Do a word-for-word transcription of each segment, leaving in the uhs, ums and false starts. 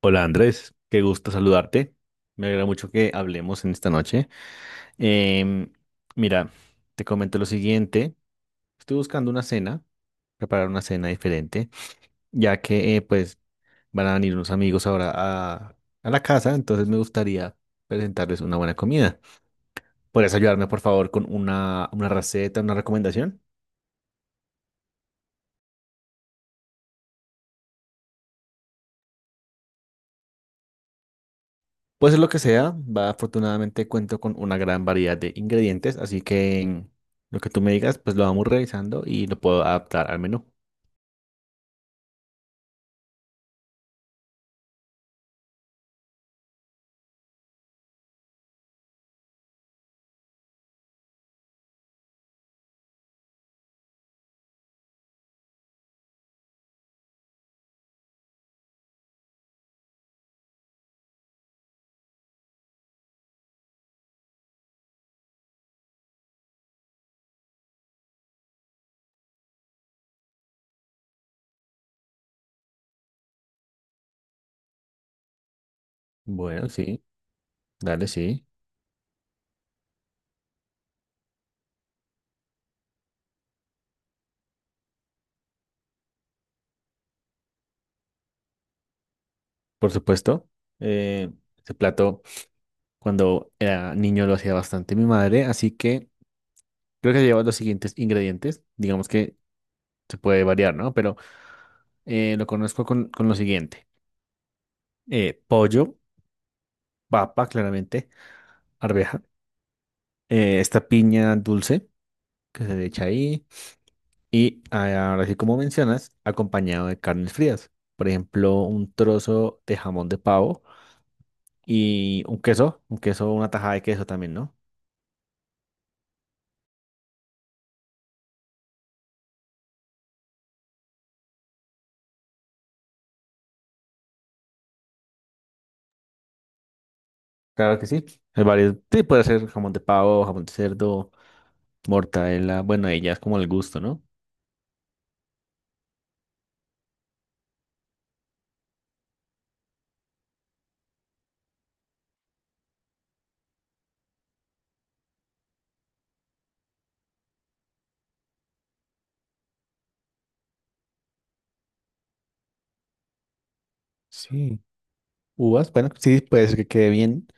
Hola Andrés, qué gusto saludarte. Me alegra mucho que hablemos en esta noche. Em, mira, te comento lo siguiente. Estoy buscando una cena, preparar una cena diferente, ya que eh, pues van a venir unos amigos ahora a, a la casa. Entonces me gustaría presentarles una buena comida. ¿Podrías ayudarme por favor con una, una receta, una recomendación? Puede ser lo que sea, va, afortunadamente cuento con una gran variedad de ingredientes, así que em, lo que tú me digas, pues lo vamos revisando y lo puedo adaptar al menú. Bueno, sí, dale, sí, por supuesto. Eh, ese plato cuando era niño lo hacía bastante mi madre, así que creo que lleva los siguientes ingredientes. Digamos que se puede variar, ¿no? Pero eh, lo conozco con, con lo siguiente. Eh, pollo, papa, claramente, arveja, eh, esta piña dulce que se le echa ahí y ah, ahora sí como mencionas, acompañado de carnes frías. Por ejemplo, un trozo de jamón de pavo y un queso, un queso, una tajada de queso también, ¿no? Claro que sí. Hay varios, sí, puede ser jamón de pavo, jamón de cerdo, mortadela, bueno, ahí ya es como el gusto, ¿no? Sí. Uvas, bueno, sí, puede ser que quede bien.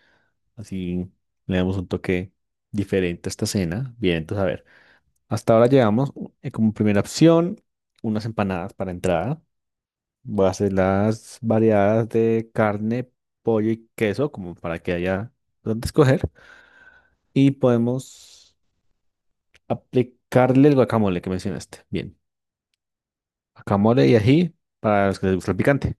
Así le damos un toque diferente a esta cena. Bien, entonces, a ver, hasta ahora llevamos eh, como primera opción unas empanadas para entrada. Voy a hacer las variadas de carne, pollo y queso, como para que haya donde escoger. Y podemos aplicarle el guacamole que mencionaste. Bien. Guacamole y ají para los que les gusta el picante.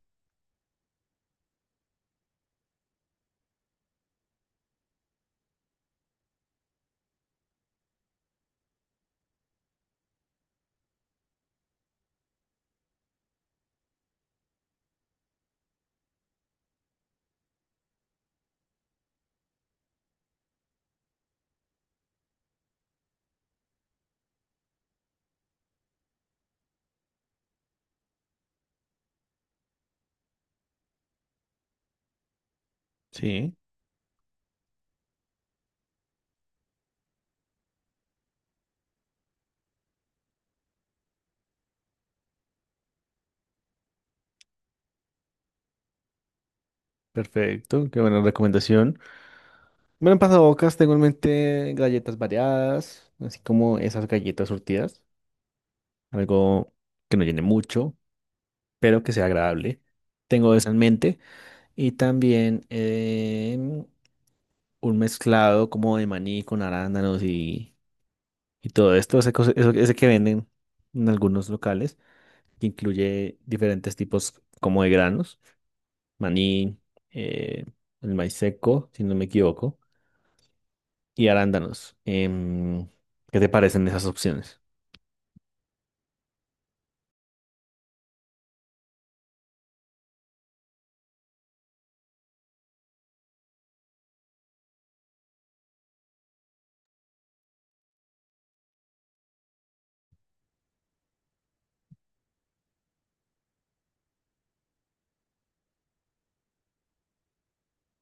Sí. Perfecto, qué buena recomendación. Bueno, en pasabocas tengo en mente galletas variadas, así como esas galletas surtidas. Algo que no llene mucho, pero que sea agradable. Tengo eso en mente. Y también em, un mezclado como de maní con arándanos y, y todo esto, ese, cosa- eso- ese que venden en algunos locales, que incluye diferentes tipos como de granos, maní, eh, el maíz seco, si no me equivoco, y arándanos. Em, ¿qué te parecen esas opciones?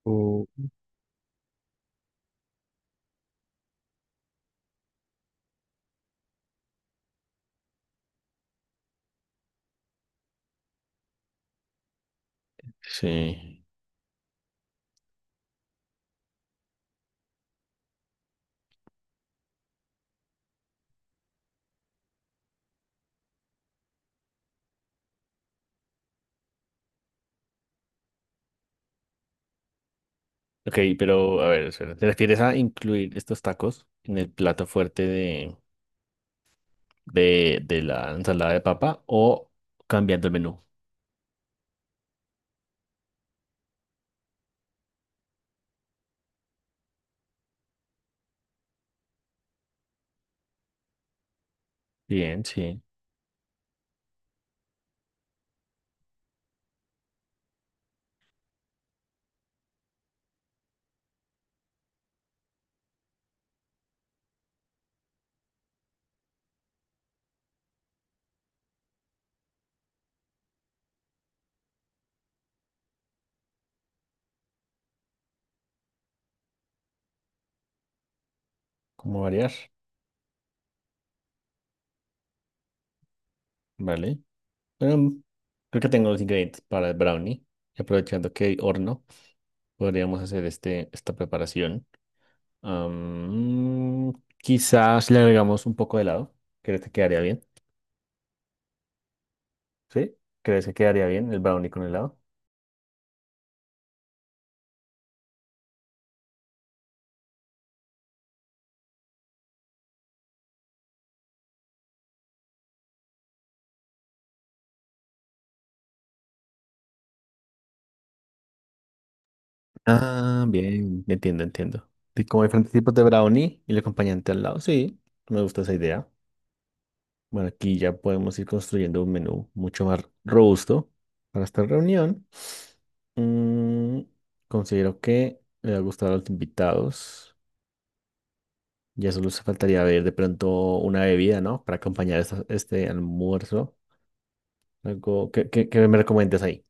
O- Sí. Ok, pero a ver, espera, ¿te refieres a incluir estos tacos en el plato fuerte de, de, de la ensalada de papa o cambiando el menú? Bien, sí. ¿Cómo variar? Vale. Em, creo que tengo los ingredientes para el brownie. Y aprovechando que hay horno, podríamos hacer este, esta preparación. Am, quizás le agregamos un poco de helado. ¿Crees que quedaría bien? ¿Sí? ¿Crees que quedaría bien el brownie con helado? Ah, bien, entiendo, entiendo. Y como hay diferentes tipos de brownie y el acompañante al lado, sí, me gusta esa idea. Bueno, aquí ya podemos ir construyendo un menú mucho más robusto para esta reunión. Mm, considero que le va a gustar a los invitados. Ya solo se faltaría ver de pronto una bebida, ¿no? Para acompañar esta- este almuerzo. Algo que, me recomiendas ahí.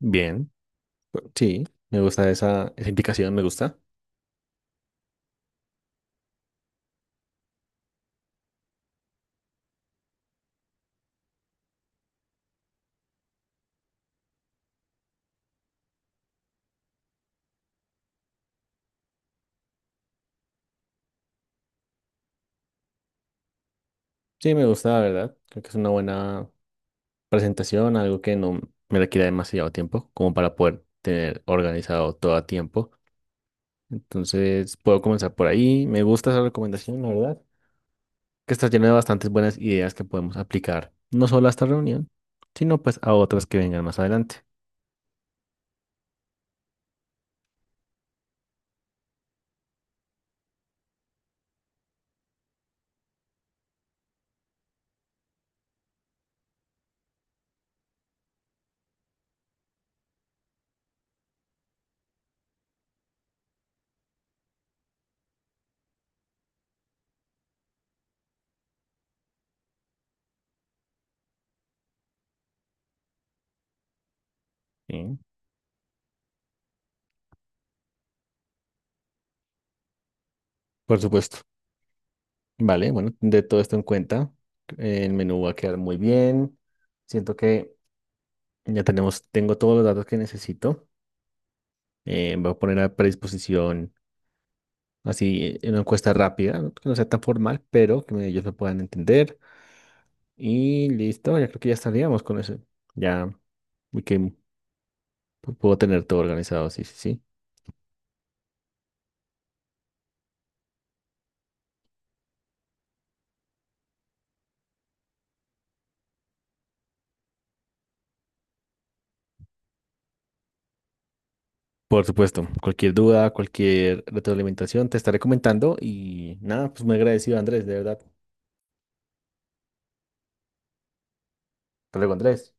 Bien, pues, sí, me gusta esa, esa indicación, me gusta. Sí, me gusta, la verdad. Creo que es una buena presentación, algo que no me requiera demasiado tiempo, como para poder tener organizado todo a tiempo. Entonces puedo comenzar por ahí. Me gusta esa recomendación, la verdad, que está llena de bastantes buenas ideas que podemos aplicar, no solo a esta reunión, sino pues a otras que vengan más adelante. Sí, por supuesto. Vale, bueno, de todo esto en cuenta, el menú va a quedar muy bien. Siento que ya tenemos, tengo todos los datos que necesito. Eh, voy a poner a predisposición así eh, una encuesta rápida, ¿no? Que no sea tan formal, pero que me- ellos me puedan entender. Y listo, ya creo que ya estaríamos con eso. Ya y que pu- puedo tener todo organizado, sí, sí, sí. Por supuesto, cualquier duda, cualquier retroalimentación, te estaré comentando y nada, pues muy agradecido, Andrés, de verdad. Hasta luego, Andrés.